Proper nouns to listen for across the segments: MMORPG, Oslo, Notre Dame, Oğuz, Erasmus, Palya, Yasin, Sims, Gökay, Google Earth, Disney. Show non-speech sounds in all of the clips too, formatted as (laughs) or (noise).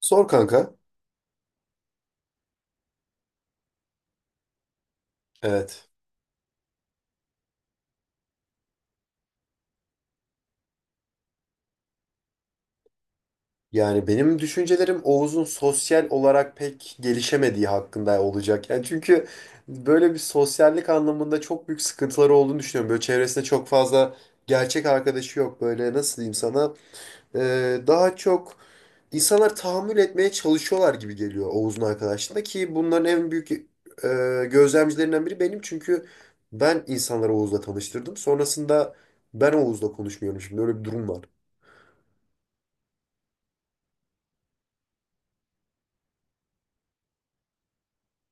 Sor kanka. Evet. Yani benim düşüncelerim Oğuz'un sosyal olarak pek gelişemediği hakkında olacak. Yani çünkü böyle bir sosyallik anlamında çok büyük sıkıntıları olduğunu düşünüyorum. Böyle çevresinde çok fazla gerçek arkadaşı yok. Böyle nasıl diyeyim sana? Daha çok insanlar tahammül etmeye çalışıyorlar gibi geliyor Oğuz'un arkadaşlığında ki bunların en büyük gözlemcilerinden biri benim. Çünkü ben insanları Oğuz'la tanıştırdım. Sonrasında ben Oğuz'la konuşmuyorum şimdi. Öyle bir durum var.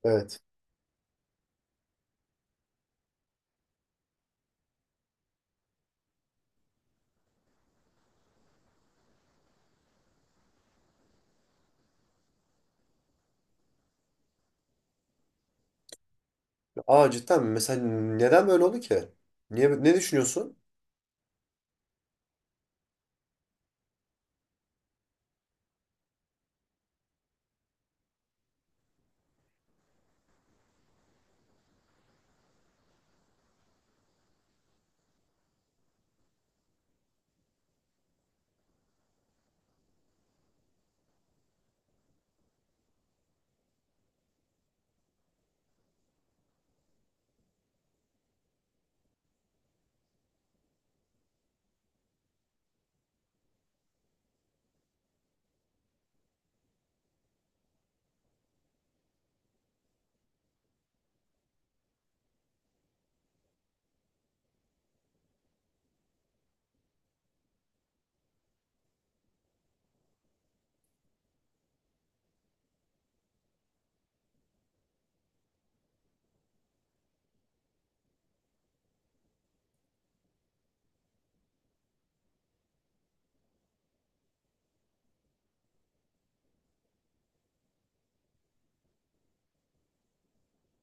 Evet. Aa cidden mi? Mesela neden böyle oldu ki? Niye, ne düşünüyorsun?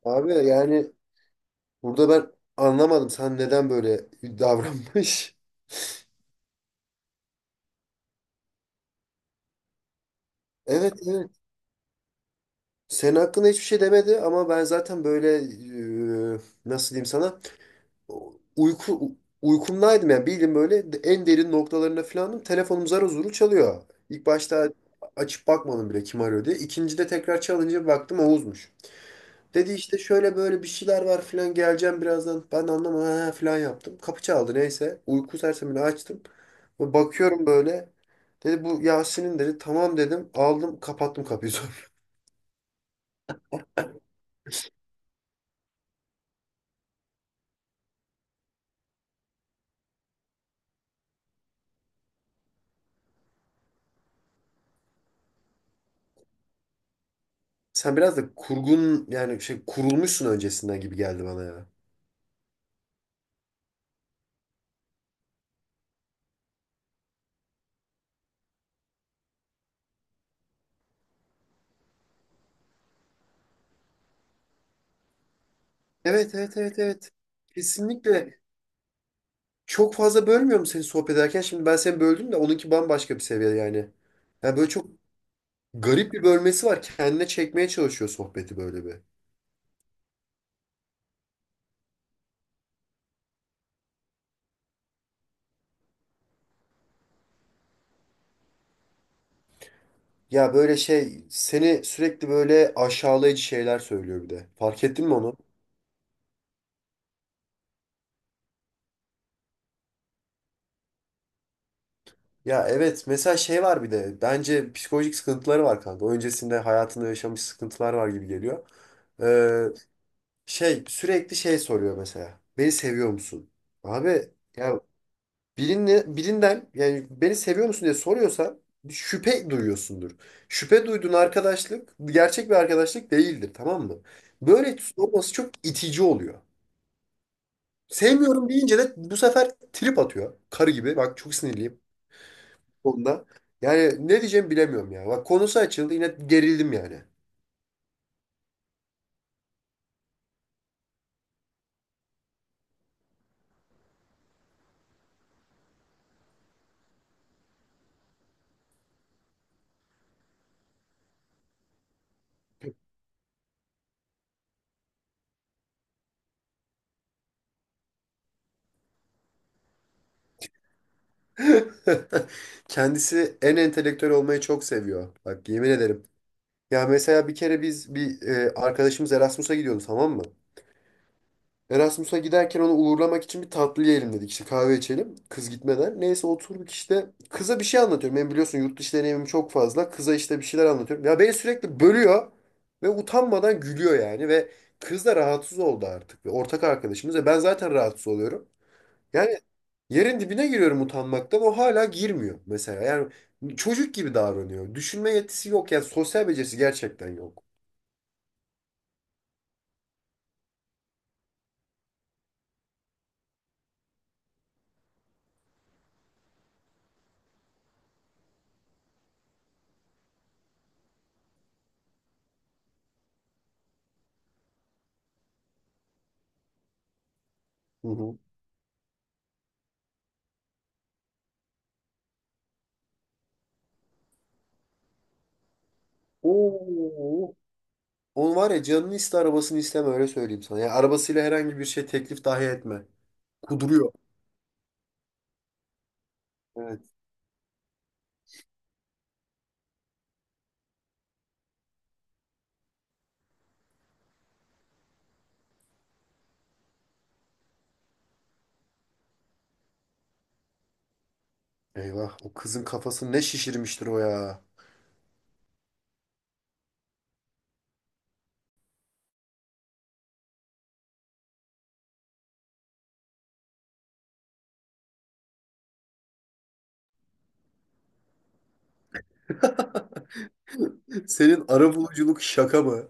Abi yani burada ben anlamadım sen neden böyle davranmış. (laughs) Evet, evet. Senin hakkında hiçbir şey demedi ama ben zaten böyle e, nasıl diyeyim sana uyku uykumdaydım yani bildim böyle en derin noktalarına falanım. Telefonum zar zor çalıyor. İlk başta açıp bakmadım bile kim arıyor diye. İkincide tekrar çalınca bir baktım Oğuz'muş. Dedi işte şöyle böyle bir şeyler var filan geleceğim birazdan. Ben de anlamadım "Ha" filan yaptım. Kapı çaldı neyse. Uyku sersemini açtım. Ve bakıyorum böyle. Dedi bu Yasin'in dedi. Tamam dedim. Aldım kapattım kapıyı (laughs) sonra. Sen biraz da kurgun yani şey kurulmuşsun öncesinden gibi geldi bana ya. Evet, evet, evet, evet. Kesinlikle. Çok fazla bölmüyorum seni sohbet ederken. Şimdi ben seni böldüm de onunki bambaşka bir seviye yani. Yani böyle çok garip bir bölmesi var. Kendine çekmeye çalışıyor sohbeti böyle bir. Ya böyle şey seni sürekli böyle aşağılayıcı şeyler söylüyor bir de. Fark ettin mi onu? Ya evet mesela şey var bir de bence psikolojik sıkıntıları var kanka. Öncesinde hayatında yaşamış sıkıntılar var gibi geliyor. Ee, Şey sürekli şey soruyor mesela. Beni seviyor musun? Abi ya birinden yani beni seviyor musun diye soruyorsa şüphe duyuyorsundur. Şüphe duyduğun arkadaşlık gerçek bir arkadaşlık değildir tamam mı? Böyle olması çok itici oluyor. Sevmiyorum deyince de bu sefer trip atıyor. Karı gibi. Bak çok sinirliyim onda. Yani ne diyeceğimi bilemiyorum ya. Bak konusu açıldı yine gerildim yani. (laughs) Kendisi en entelektüel olmayı çok seviyor. Bak yemin ederim. Ya mesela bir kere biz bir arkadaşımız Erasmus'a gidiyordu tamam mı? Erasmus'a giderken onu uğurlamak için bir tatlı yiyelim dedik. İşte kahve içelim. Kız gitmeden. Neyse oturduk işte. Kıza bir şey anlatıyorum. Ben biliyorsun yurt dışı deneyimim çok fazla. Kıza işte bir şeyler anlatıyorum. Ya beni sürekli bölüyor. Ve utanmadan gülüyor yani. Ve kız da rahatsız oldu artık. Ve ortak arkadaşımız. Ve ben zaten rahatsız oluyorum. Yani yerin dibine giriyorum utanmaktan. O hala girmiyor mesela. Yani çocuk gibi davranıyor. Düşünme yetisi yok. Yani sosyal becerisi gerçekten yok. Hı hı. Oo. Onu var ya canını iste arabasını isteme öyle söyleyeyim sana. Yani arabasıyla herhangi bir şey teklif dahi etme. Kuduruyor. Evet. Eyvah o kızın kafasını ne şişirmiştir o ya. (laughs) Senin arabuluculuk şaka mı?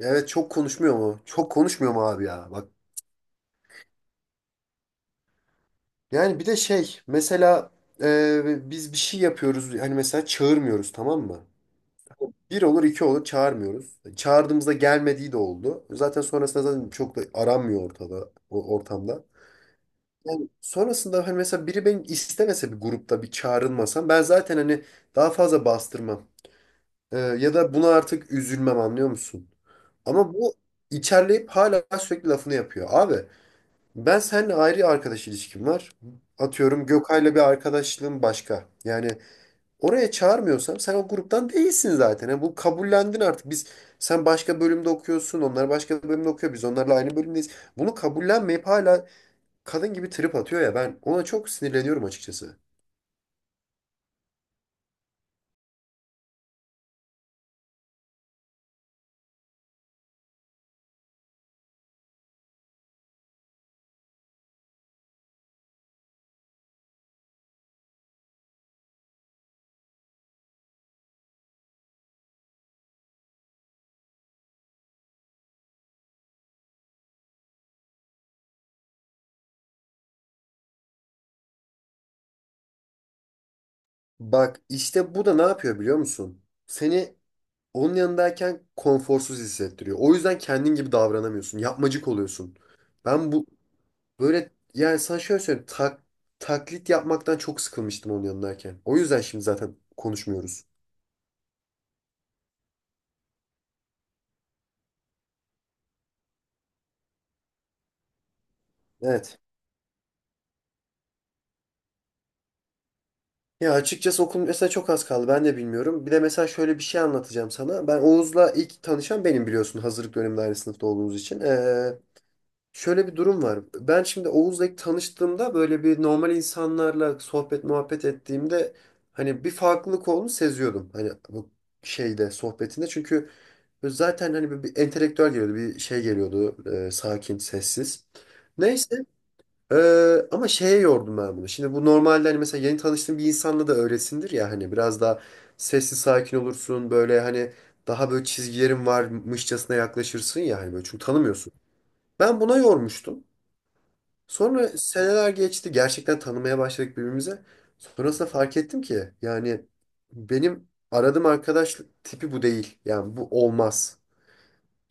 Evet çok konuşmuyor mu? Çok konuşmuyor mu abi ya? Bak yani bir de şey mesela biz bir şey yapıyoruz hani mesela çağırmıyoruz tamam mı? Bir olur iki olur çağırmıyoruz. Çağırdığımızda gelmediği de oldu. Zaten sonrasında zaten çok da aranmıyor ortada o ortamda. Yani sonrasında hani mesela biri benim istemese bir grupta bir çağrılmasam ben zaten hani daha fazla bastırmam. Ya da buna artık üzülmem anlıyor musun? Ama bu içerleyip hala sürekli lafını yapıyor. Abi ben seninle ayrı arkadaş ilişkim var. Atıyorum Gökay'la bir arkadaşlığım başka. Yani oraya çağırmıyorsam sen o gruptan değilsin zaten. Yani bu kabullendin artık. Biz sen başka bölümde okuyorsun, onlar başka bölümde okuyor. Biz onlarla aynı bölümdeyiz. Bunu kabullenmeyip hala kadın gibi trip atıyor ya ben ona çok sinirleniyorum açıkçası. Bak işte bu da ne yapıyor biliyor musun? Seni onun yanındayken konforsuz hissettiriyor. O yüzden kendin gibi davranamıyorsun. Yapmacık oluyorsun. Ben bu böyle yani sana şöyle söyleyeyim. Taklit yapmaktan çok sıkılmıştım onun yanındayken. O yüzden şimdi zaten konuşmuyoruz. Evet. Ya açıkçası okul mesela çok az kaldı. Ben de bilmiyorum. Bir de mesela şöyle bir şey anlatacağım sana. Ben Oğuz'la ilk tanışan benim biliyorsun hazırlık döneminde aynı sınıfta olduğumuz için. Şöyle bir durum var. Ben şimdi Oğuz'la ilk tanıştığımda böyle bir normal insanlarla sohbet muhabbet ettiğimde hani bir farklılık olduğunu seziyordum. Hani bu şeyde sohbetinde. Çünkü zaten hani bir entelektüel geliyordu. Bir şey geliyordu. Sakin, sessiz. Neyse. e, Ama şeye yordum ben bunu. Şimdi bu normalde hani mesela yeni tanıştığın bir insanla da öylesindir ya hani biraz daha sessiz sakin olursun. Böyle hani daha böyle çizgilerin varmışçasına yaklaşırsın ya hani böyle çünkü tanımıyorsun. Ben buna yormuştum. Sonra seneler geçti. Gerçekten tanımaya başladık birbirimize. Sonrasında fark ettim ki yani benim aradığım arkadaşlık tipi bu değil. Yani bu olmaz.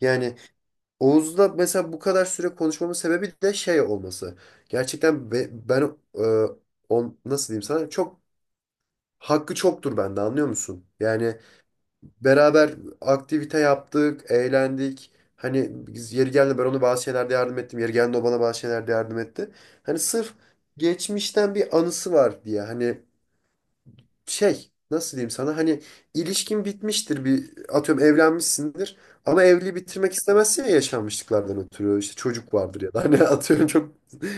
Yani Oğuz'la mesela bu kadar süre konuşmamın sebebi de şey olması. Gerçekten ben e, nasıl diyeyim sana çok hakkı çoktur bende anlıyor musun? Yani beraber aktivite yaptık, eğlendik. Hani biz yeri geldi ben ona bazı şeylerde yardım ettim. Yeri geldi o bana bazı şeylerde yardım etti. Hani sırf geçmişten bir anısı var diye. Hani şey nasıl diyeyim sana hani ilişkin bitmiştir bir atıyorum evlenmişsindir ama evliliği bitirmek istemezsin ya yaşanmışlıklardan ötürü işte çocuk vardır ya da hani (laughs) atıyorum çok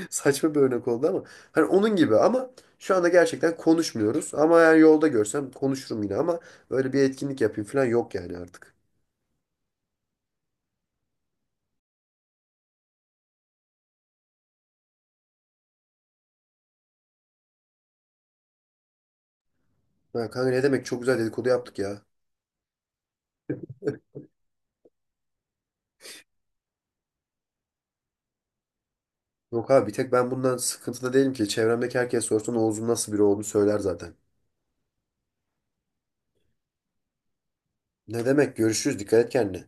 saçma bir örnek oldu ama hani onun gibi ama şu anda gerçekten konuşmuyoruz ama eğer yolda görsem konuşurum yine ama böyle bir etkinlik yapayım falan yok yani artık. Ha, kanka ne demek çok güzel dedikodu yaptık ya. Yok abi bir tek ben bundan sıkıntıda değilim ki çevremdeki herkes sorsa Oğuz'un nasıl biri olduğunu söyler zaten. Ne demek görüşürüz dikkat et kendine.